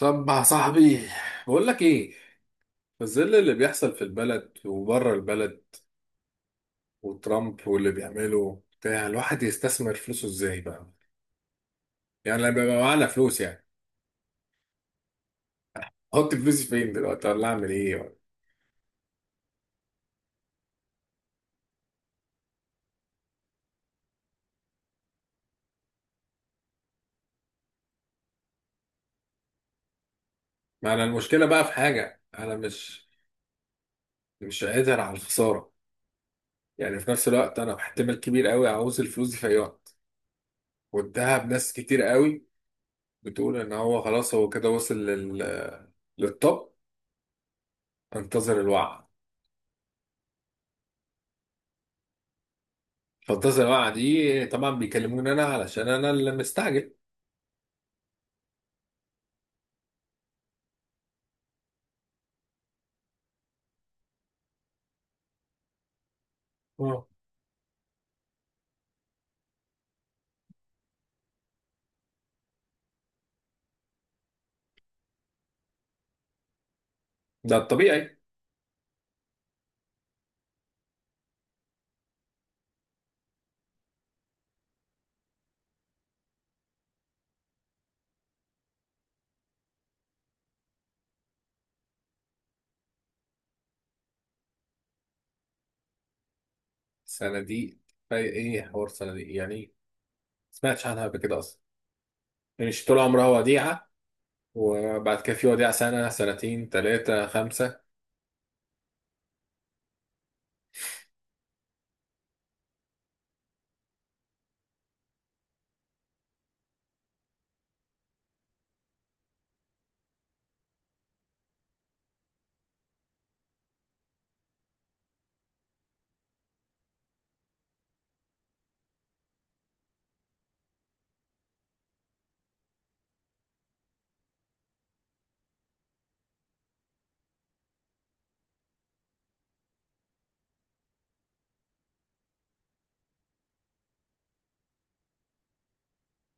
طب يا صاحبي، بقول لك ايه. في ظل اللي بيحصل في البلد وبره البلد وترامب واللي بيعمله بتاع، الواحد يستثمر فلوسه ازاي بقى؟ يعني لما بيبقى معانا فلوس، يعني احط فلوسي فين دلوقتي ولا اعمل ايه ولا؟ ما انا المشكله بقى في حاجه، انا مش قادر على الخساره. يعني في نفس الوقت انا احتمال كبير قوي عاوز الفلوس دي في اي وقت. والذهب ناس كتير قوي بتقول ان هو خلاص هو كده وصل للطب. انتظر الوعي. فالتصل الوقعة دي طبعا بيكلموني انا علشان انا اللي مستعجل. اه، ده الطبيعي. صناديق؟ ايه حوار صناديق يعني ايه؟ ما سمعتش عنها قبل كده اصلا. يعني مش طول عمرها وديعة، وبعد كده في وديعة سنة سنتين ثلاثة خمسة؟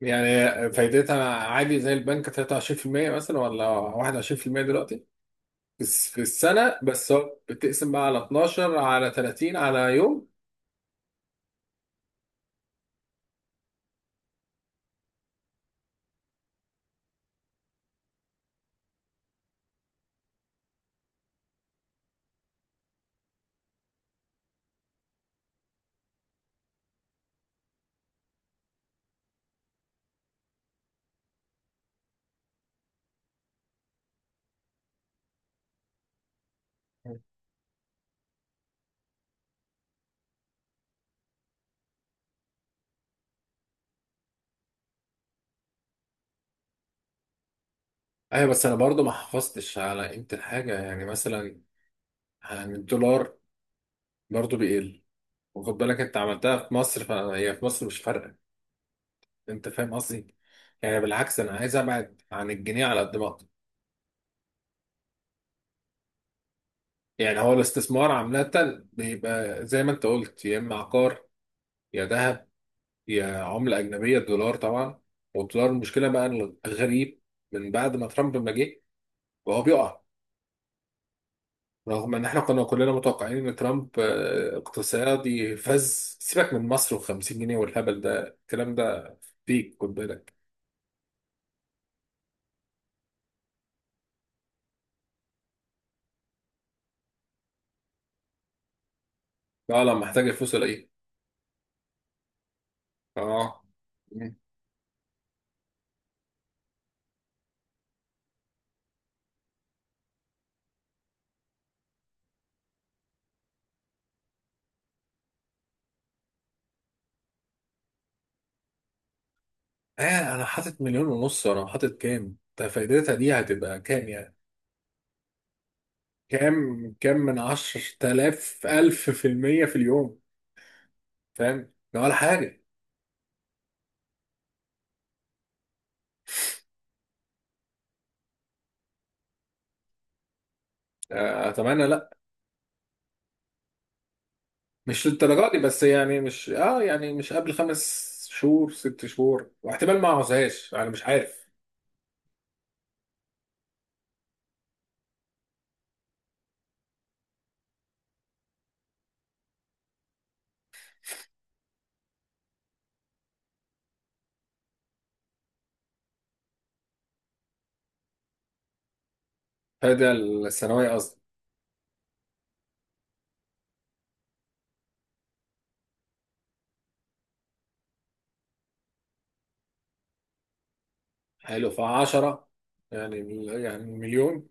يعني فايدتها عادي زي البنك 23% مثلا، ولا 21% دلوقتي؟ بس في السنة، بس هو بتقسم بقى على 12 على 30 على يوم. ايوه بس انا برضو ما حافظتش على قيمة الحاجة، يعني مثلا عن الدولار برضو بيقل. وخد بالك انت عملتها في مصر، فهي في مصر مش فارقه. انت فاهم قصدي؟ يعني بالعكس انا عايز ابعد عن الجنيه على قد ما اقدر. يعني هو الاستثمار عامه بيبقى زي ما انت قلت، يا اما عقار يا ذهب يا عمله اجنبيه الدولار طبعا. والدولار المشكله بقى إن الغريب من بعد ما ترامب ما جه وهو بيقع، رغم ان احنا كنا كلنا متوقعين ان ترامب اقتصادي. فز سيبك من مصر و50 جنيه والهبل ده، الكلام ده فيك، خد بالك. لا لا، محتاج الفلوس ولا ايه؟ اه. آه، أنا حاطط مليون ونص، وأنا حاطط كام؟ ده فايدتها دي هتبقى كام يعني؟ كام كام من عشر تلاف ألف في المية في اليوم؟ فاهم؟ ده ولا حاجة. آه أتمنى لأ. مش للدرجة دي، بس يعني مش يعني مش قبل خمس شهور ست شهور، واحتمال ما أعوزهاش. أنا مش عارف. هذا الثانوية قصدي. حلو، فعشرة يعني مليون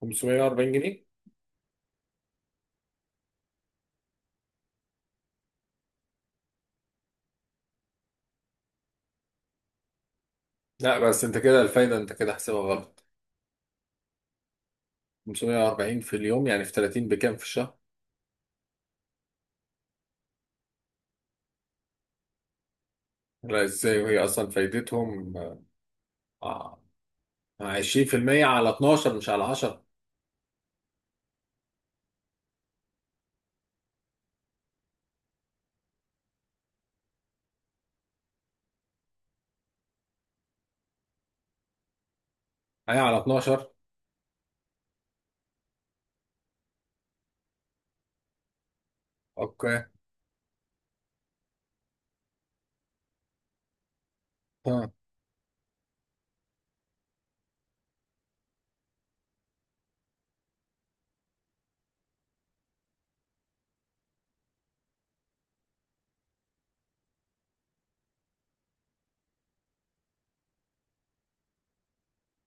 540 جنيه. لا بس أنت كده الفايدة أنت كده حسبها غلط. 540 في اليوم يعني في 30 بكام في الشهر؟ لا ازاي وهي اصلا فايدتهم؟ اه. 20% على 12 مش على 10. هي على 12. اوكي. ها.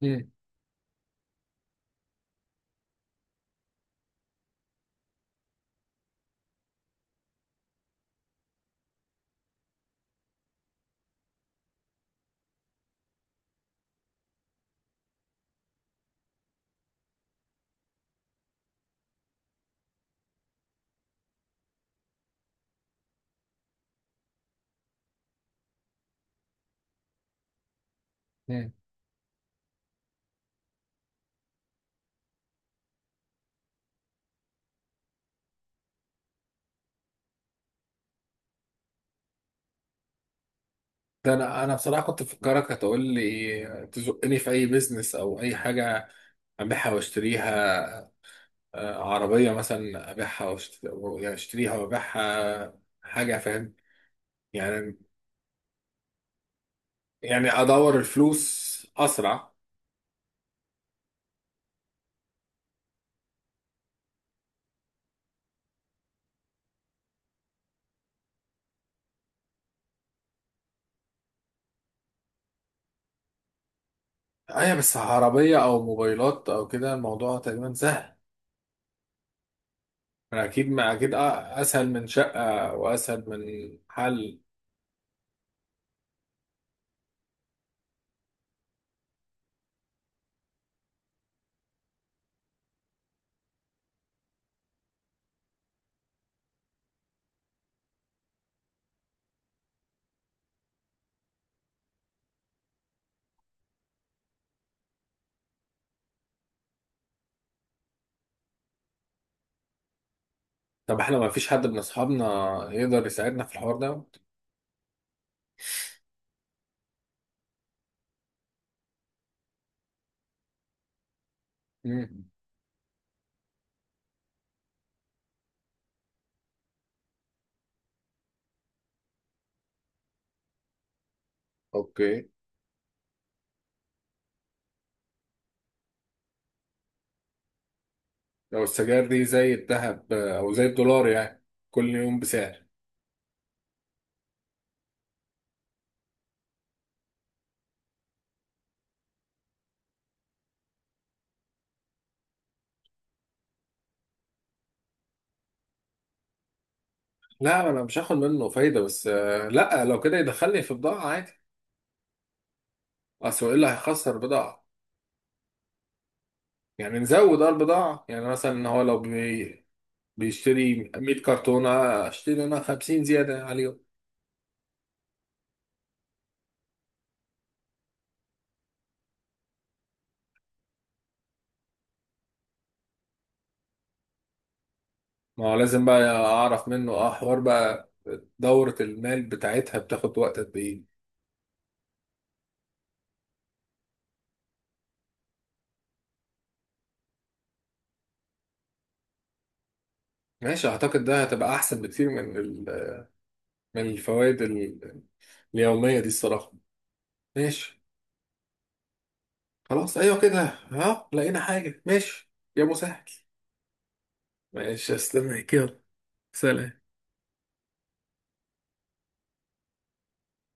مم. مم. ده انا بصراحه كنت مفكرك هتقول لي تزقني في اي بيزنس او اي حاجه، ابيعها واشتريها. عربيه مثلا ابيعها يعني اشتريها وابيعها حاجه، فاهم؟ يعني ادور الفلوس اسرع. ايوه بس عربيه او موبايلات او كده الموضوع تقريبا سهل. اكيد ما اكيد اسهل من شقه واسهل من حل. طب احنا ما فيش حد من اصحابنا يقدر يساعدنا في الحوار ده؟ مم. اوكي. لو السجاير دي زي الذهب او زي الدولار يعني كل يوم بسعر. لا انا مش هاخد منه فايده، بس لا لو كده يدخلني في بضاعه عادي. اصل هو ايه اللي هيخسر بضاعه؟ يعني نزود اه البضاعه، يعني مثلا إن هو لو بي بيشتري 100 كرتونه، اشتري انا 50 زياده عليهم. ما هو لازم بقى اعرف منه اه حوار بقى دورة المال بتاعتها بتاخد وقت قد ايه. ماشي، اعتقد ده هتبقى احسن بكتير من الفوائد اليومية دي الصراحة. ماشي خلاص، ايوه كده. ها، لقينا حاجة، ماشي. يا مسهل. ماشي استنى كده. سلام.